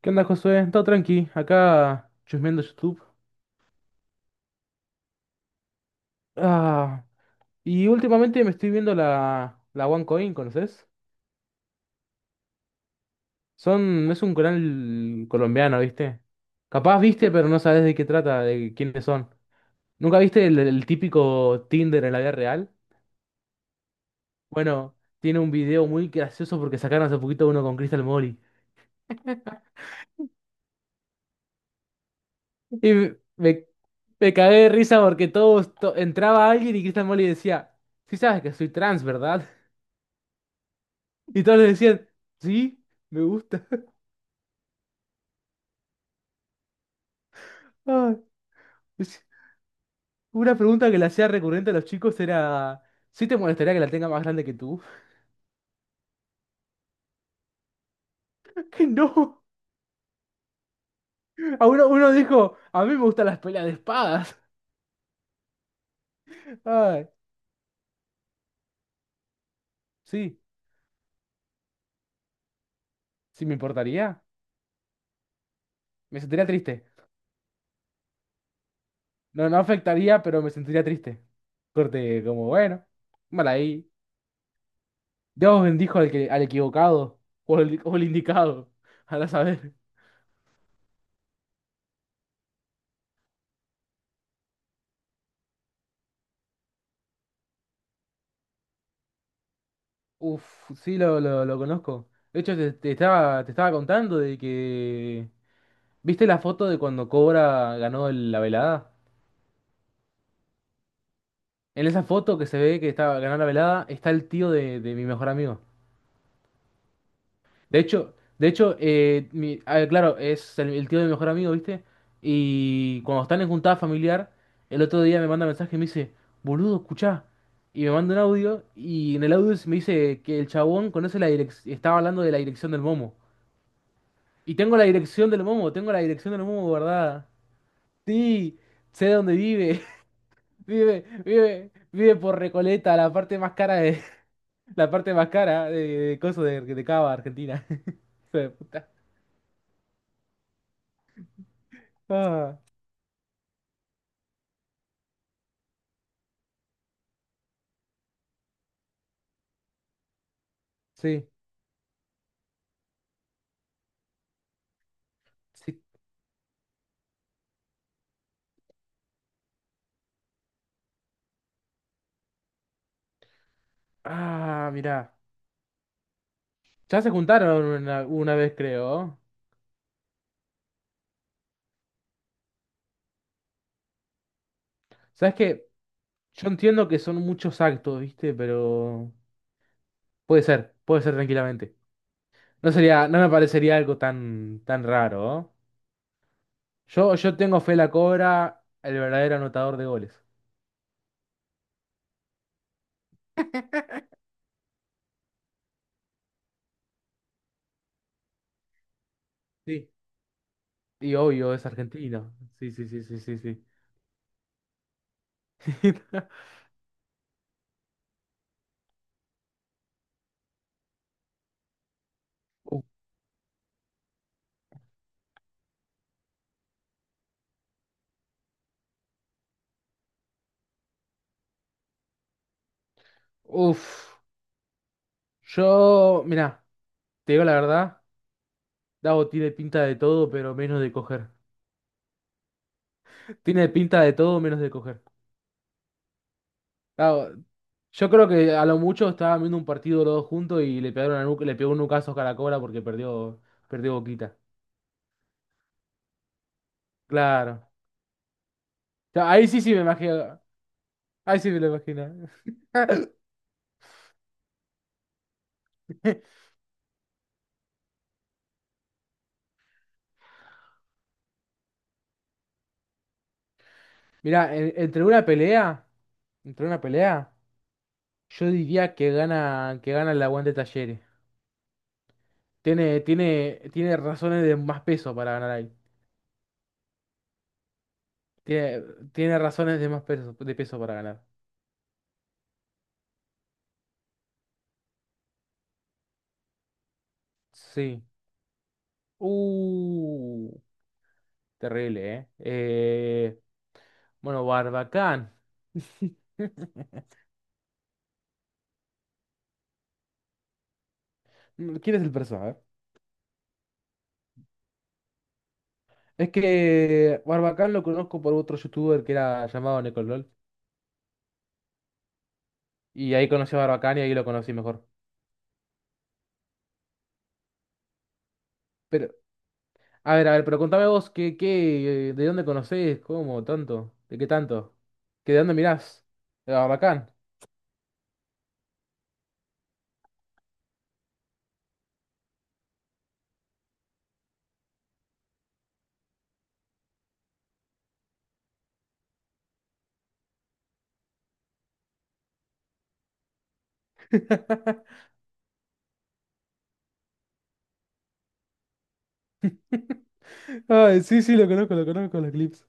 ¿Qué onda, Josué? Todo tranqui, acá chusmeando YouTube. Ah, y últimamente me estoy viendo la OneCoin, ¿conoces? Es un canal colombiano, ¿viste? Capaz viste, pero no sabes de qué trata, de quiénes son. ¿Nunca viste el típico Tinder en la vida real? Bueno, tiene un video muy gracioso porque sacaron hace poquito uno con Crystal Molly. Y me cagué de risa porque entraba alguien y Crystal Molly decía, sí sabes que soy trans, ¿verdad? Y todos le decían, sí, me gusta. Ay, es- una pregunta que le hacía recurrente a los chicos era, ¿sí te molestaría que la tenga más grande que tú? Que no. Uno dijo, a mí me gustan las peleas de espadas. Ay, sí, sí me importaría. Me sentiría triste. No, no afectaría, pero me sentiría triste. Corte, como bueno, mal ahí. Dios bendijo al que, al equivocado o al indicado. Ahora saber. Uf, sí, lo conozco. De hecho, te estaba contando de que... ¿Viste la foto de cuando Cobra ganó la velada? En esa foto que se ve que estaba ganó la velada está el tío de mi mejor amigo. De hecho, ah, claro, es el tío de mi mejor amigo, ¿viste? Y cuando están en juntada familiar, el otro día me manda mensaje y me dice, boludo, escuchá. Y me manda un audio y en el audio me dice que el chabón conoce la dirección, estaba hablando de la dirección del Momo. Y tengo la dirección del Momo, tengo la dirección del Momo guardada. Sí, sé dónde vive. Vive por Recoleta, la parte más cara de, la parte más cara de coso de Cava, Argentina. Hijo de puta. Ah, sí, sí. Ah, mirá. Ya se juntaron una vez, creo. ¿Sabes qué? Yo entiendo que son muchos actos, ¿viste? Pero puede ser tranquilamente. No me parecería algo tan, tan raro, ¿eh? Yo tengo a fe la Cobra, el verdadero anotador de goles. Sí. Y obvio, es argentino. Sí, sí, sí, sí, sí, sí. Uf. Uf. Yo, mirá, te digo la verdad, Dago tiene pinta de todo, pero menos de coger. Tiene pinta de todo, menos de coger. Dago, yo creo que a lo mucho estaban viendo un partido los dos juntos y le pegaron a le pegó un nucazo a la Cobra porque perdió Boquita. Claro. Ya, ahí sí, sí me imagino. Ahí sí me lo imagino. Mirá, entre una pelea, yo diría que gana el aguante Talleres. Tiene razones de más peso para ganar ahí. Tiene, tiene razones de más peso, de peso para ganar. Sí. Uh, Terrible, ¿eh? Bueno, Barbacán. ¿Quién es el personaje? Es que Barbacán lo conozco por otro youtuber que era llamado Necolol. Y ahí conocí a Barbacán y ahí lo conocí mejor. Pero. A ver, pero contame vos, ¿qué, de dónde conocés? ¿Cómo? ¿Tanto? ¿De qué tanto? ¿Qué de dónde mirás? De Barbacán. Ay, sí, sí, lo conozco, los clips.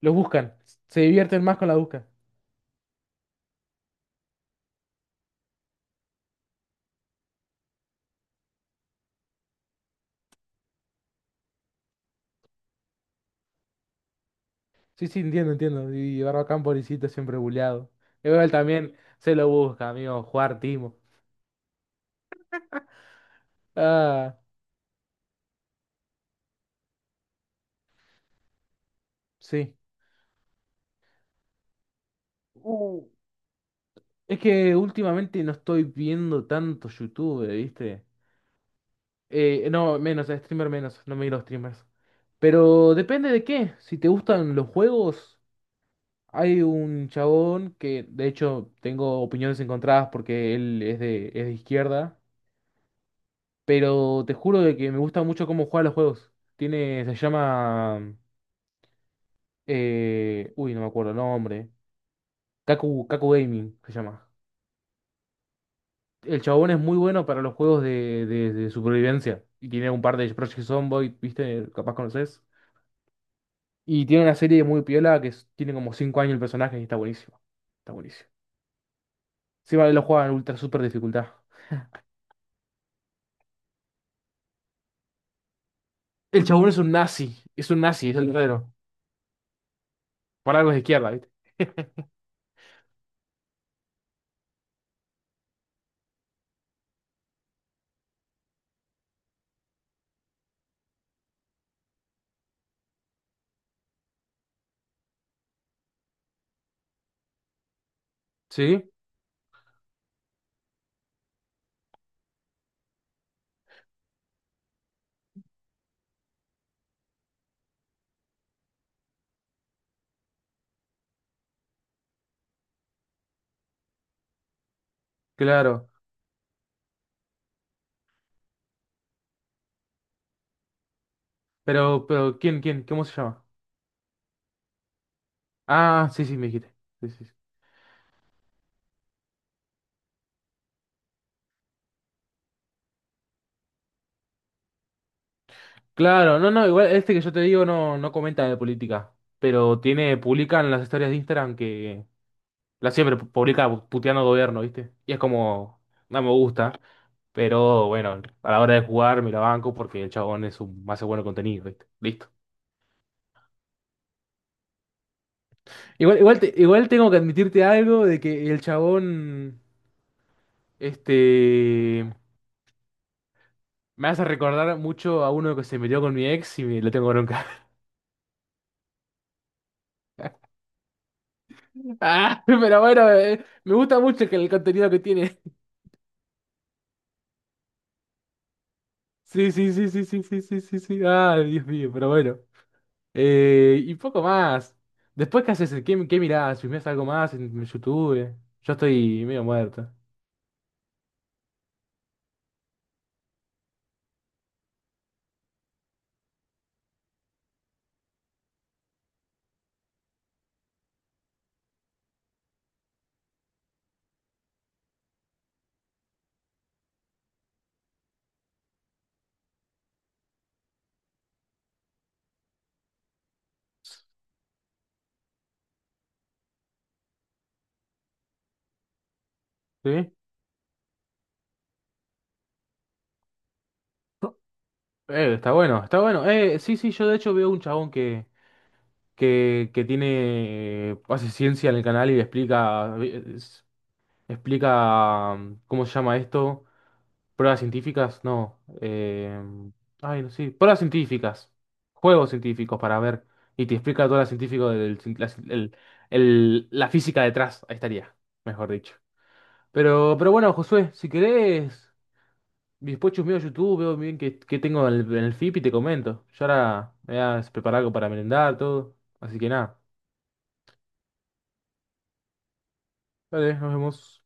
Los buscan, se divierten más con la busca. Sí, sí, entiendo, entiendo. Y Barbacán, pobrecito, siempre buleado. Y también se lo busca, amigo, jugar timo. Ah, sí. Uh, es que últimamente no estoy viendo tanto YouTube, ¿viste? No, menos, streamer menos, no miro streamers. Pero depende de qué. Si te gustan los juegos, hay un chabón que, de hecho, tengo opiniones encontradas porque él es de izquierda. Pero te juro de que me gusta mucho cómo juega los juegos. Se llama... uy, no me acuerdo el nombre. Kaku Gaming se llama. El chabón es muy bueno para los juegos de supervivencia. Y tiene un par de Project Zomboid, ¿viste? Capaz conoces. Y tiene una serie muy piola tiene como 5 años el personaje y está buenísimo. Está buenísimo. Sí, vale, lo juega en ultra super dificultad. El chabón es un nazi. Es un nazi, es el verdadero. Por algo es de izquierda, ¿viste? Sí, claro. Pero, ¿quién? ¿Cómo se llama? Ah, sí, sí, me dijiste. Sí, sí. Claro, no, no, igual este que yo te digo no comenta de política. Pero publica en las historias de Instagram que la siempre publica puteando al gobierno, ¿viste? Y es como, no me gusta. Pero bueno, a la hora de jugar me la banco porque el chabón hace bueno contenido, ¿viste? Listo. Igual, tengo que admitirte algo de que el chabón, este, me hace recordar mucho a uno que se metió con mi ex y me lo tengo bronca. Ah, pero bueno, me gusta mucho que el contenido que tiene. Sí, sí, sí, sí, sí, sí, sí, sí, sí. Ah, Dios mío, pero bueno. Y poco más. Después, ¿qué haces? ¿Qué mirás? ¿Filmás algo más en YouTube? Yo estoy medio muerto. ¿Sí? Está bueno, está bueno. Sí, sí, yo de hecho veo un chabón que hace ciencia en el canal y explica, ¿cómo se llama esto? Pruebas científicas, no. Ay, no sé, pruebas científicas, juegos científicos para ver. Y te explica todo lo científico del, cien- la, cien- el- la física detrás, ahí estaría, mejor dicho. Pero bueno, Josué, si querés, y después chusmeo YouTube, veo bien qué tengo en el FIP y te comento. Yo ahora me voy a preparar algo para merendar, todo. Así que nada. Dale, nos vemos.